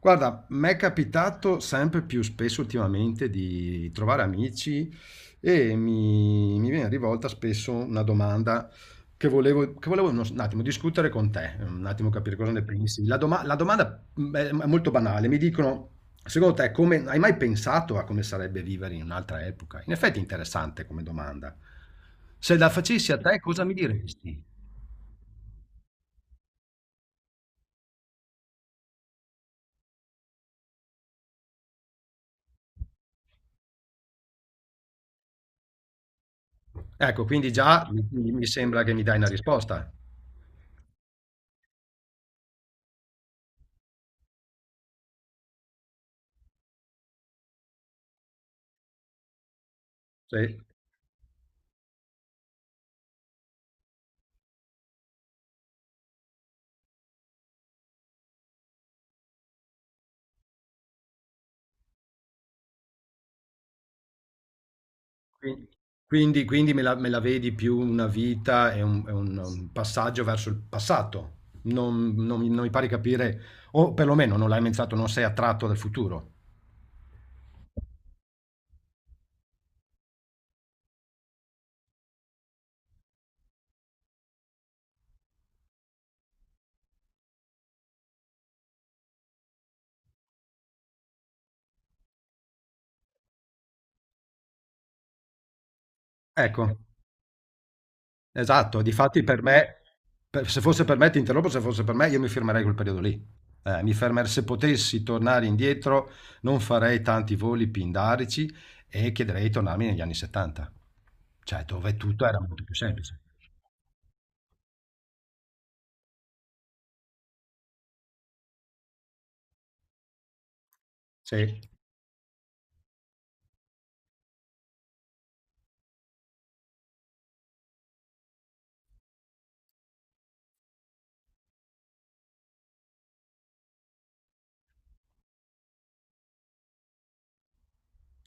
Guarda, mi è capitato sempre più spesso ultimamente di trovare amici e mi viene rivolta spesso una domanda che volevo un attimo discutere con te, un attimo capire cosa ne pensi. La domanda è molto banale, mi dicono, secondo te, come, hai mai pensato a come sarebbe vivere in un'altra epoca? In effetti è interessante come domanda. Se la facessi a te, cosa mi diresti? Ecco, quindi già mi sembra che mi dai una risposta. Sì. Quindi quindi me la vedi più una vita è un passaggio verso il passato. Non mi pare di capire o perlomeno non l'hai menzionato, non sei attratto dal futuro. Ecco, esatto. Difatti per se fosse per me ti interrompo, se fosse per me io mi fermerei quel periodo lì. Mi fermer se potessi tornare indietro non farei tanti voli pindarici e chiederei di tornarmi negli anni '70. Cioè dove tutto era molto più semplice. Sì,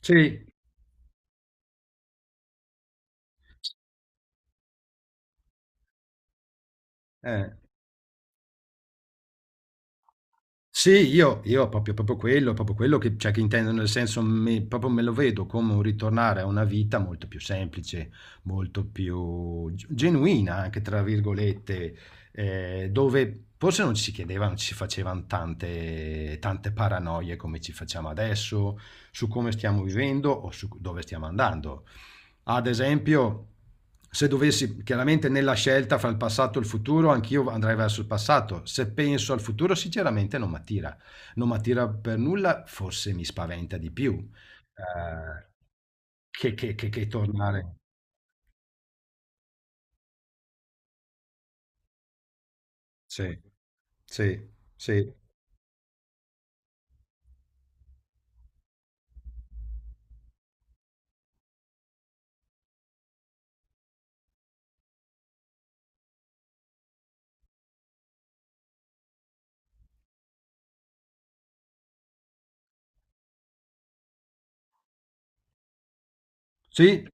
sì, eh. Sì, io proprio quello che cioè che intendo, nel senso mi proprio me lo vedo come un ritornare a una vita molto più semplice, molto più ge "genuina" anche tra virgolette, dove forse non ci si chiedeva, non ci si facevan tante paranoie come ci facciamo adesso, su come stiamo vivendo o su c dove stiamo andando. Ad esempio, se dovessi chiaramente nella scelta fra il passato e il futuro, anch'io andrei verso il passato. Se penso al futuro, sinceramente non mi attira. Non mi attira per nulla, forse mi spaventa di più, eh, che tornare. Sì, sì, sì. Sì,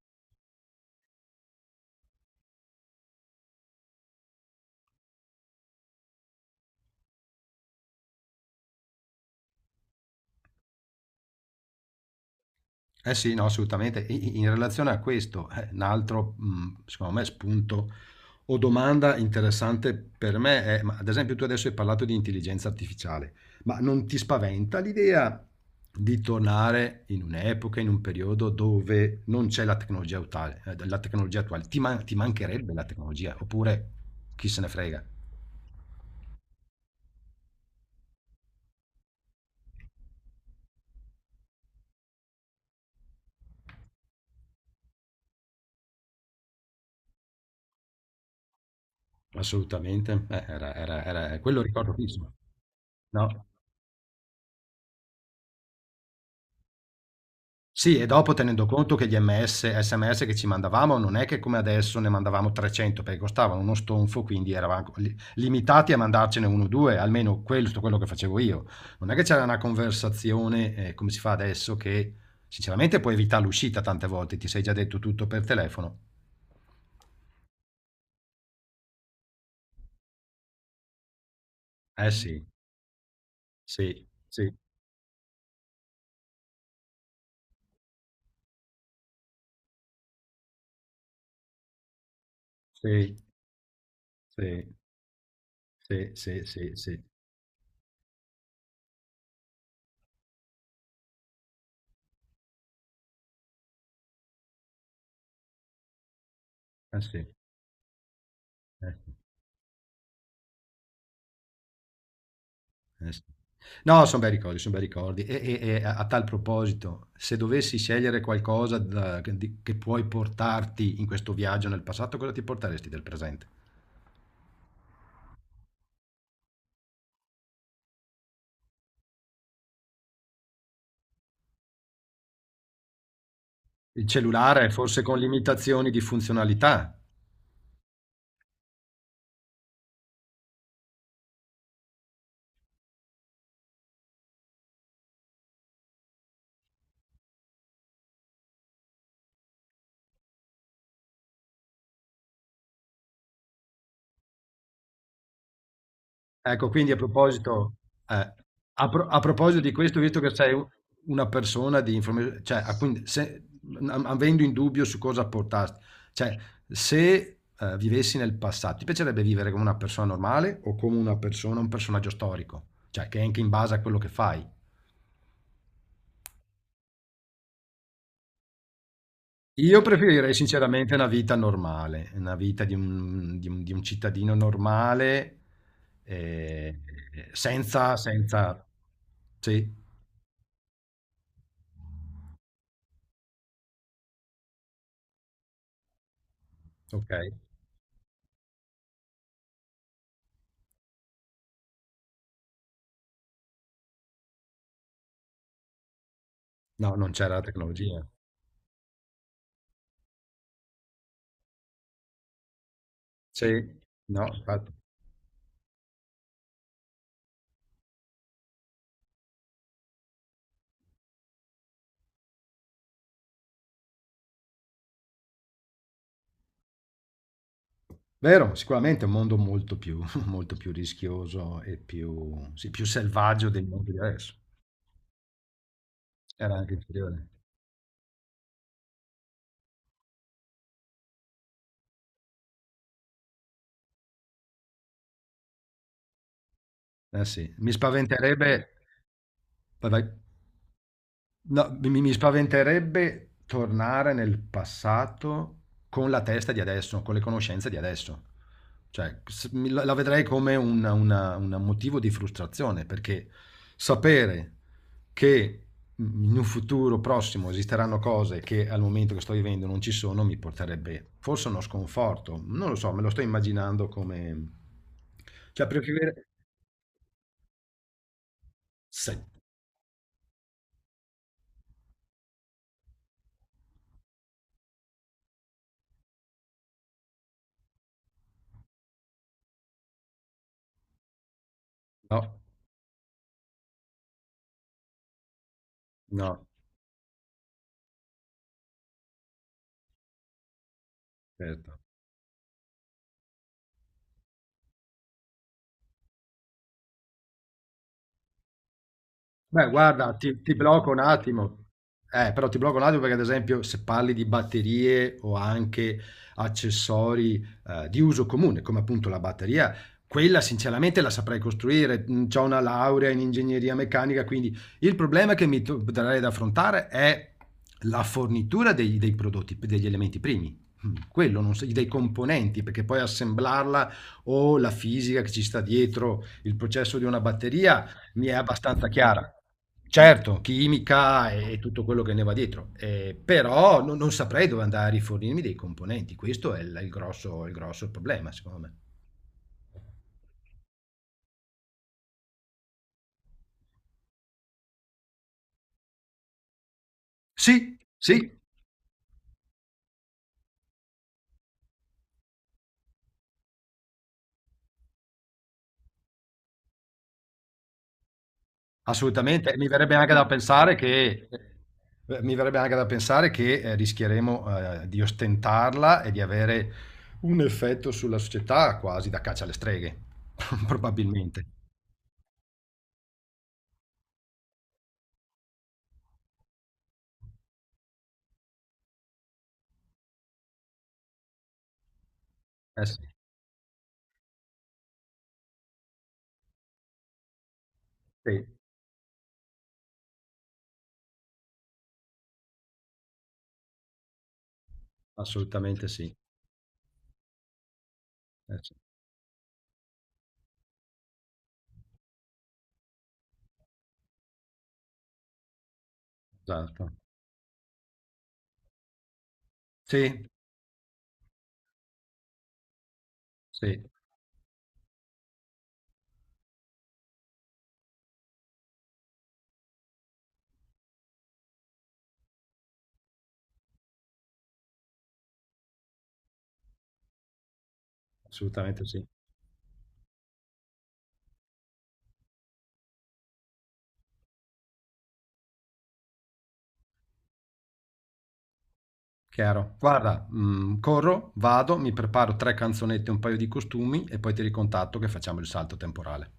eh sì, no, assolutamente. In relazione a questo, un altro, secondo me, spunto o domanda interessante per me è, ma ad esempio tu adesso hai parlato di intelligenza artificiale, ma non ti spaventa l'idea di tornare in un'epoca, in un periodo dove non c'è la tecnologia attuale? Ti ti mancherebbe la tecnologia? Oppure chi se ne frega? Assolutamente. Era quello ricordo fisso. No? Sì, e dopo tenendo conto che gli ms sms che ci mandavamo non è che come adesso ne mandavamo 300 perché costavano uno stonfo, quindi eravamo limitati a mandarcene uno o due, almeno questo quello che facevo io. Non è che c'era una conversazione come si fa adesso che sinceramente puoi evitare l'uscita tante volte, ti sei già detto tutto per telefono. Eh sì, sì, sì, sì, sì, sì, sì, sì, sì, eh sì, eh, sì. Eh sì. No, son bei ricordi, son bei ricordi. E a tal proposito, se dovessi scegliere qualcosa da che di che puoi portarti in questo viaggio nel passato, cosa ti porteresti del presente? Il cellulare forse con limitazioni di funzionalità. Ecco, quindi a proposito, eh, a proposito di questo, visto che sei una persona di informazione, cioè, ah, quindi avendo in dubbio su cosa portarti, cioè, se vivessi nel passato, ti piacerebbe vivere come una persona normale o come una persona, un personaggio storico? Cioè, che è anche in base a quello che fai. Io preferirei sinceramente una vita normale, una vita di un cittadino normale, eh, senza... Sì, ok. No, non c'era la tecnologia. Sì, no, infatti. Vero, sicuramente è un mondo molto più, molto più rischioso e più, sì, più selvaggio del mondo di adesso. Era anche inferiore. Eh sì, mi spaventerebbe. Vai, vai. No, mi spaventerebbe tornare nel passato con la testa di adesso, con le conoscenze di adesso. Cioè, la vedrei come un un motivo di frustrazione, perché sapere che in un futuro prossimo esisteranno cose che al momento che sto vivendo non ci sono, mi porterebbe forse a uno sconforto. Non lo so, me lo sto immaginando come... Cioè, preferire... Sì. No, no, certo. Beh, guarda, ti blocco un attimo. Però ti blocco un attimo perché, ad esempio, se parli di batterie o anche accessori di uso comune, come appunto la batteria, quella sinceramente la saprei costruire. Ho una laurea in ingegneria meccanica, quindi il problema che mi darei da affrontare è la fornitura dei prodotti, degli elementi primi. Mm, quello, non so- dei componenti, perché poi assemblarla o la fisica che ci sta dietro il processo di una batteria mi è abbastanza chiara. Certo, chimica e tutto quello che ne va dietro, però non saprei dove andare a rifornirmi dei componenti, questo è il grosso problema, secondo me. Sì, sì, assolutamente. Mi verrebbe anche da pensare che, rischieremo di ostentarla e di avere un effetto sulla società quasi da caccia alle streghe, probabilmente. Eh sì, sì, assolutamente sì. Eh sì, esatto. Sì, sì, assolutamente sì, chiaro. Guarda, corro, vado, mi preparo 3 canzonette e un paio di costumi e poi ti ricontatto che facciamo il salto temporale.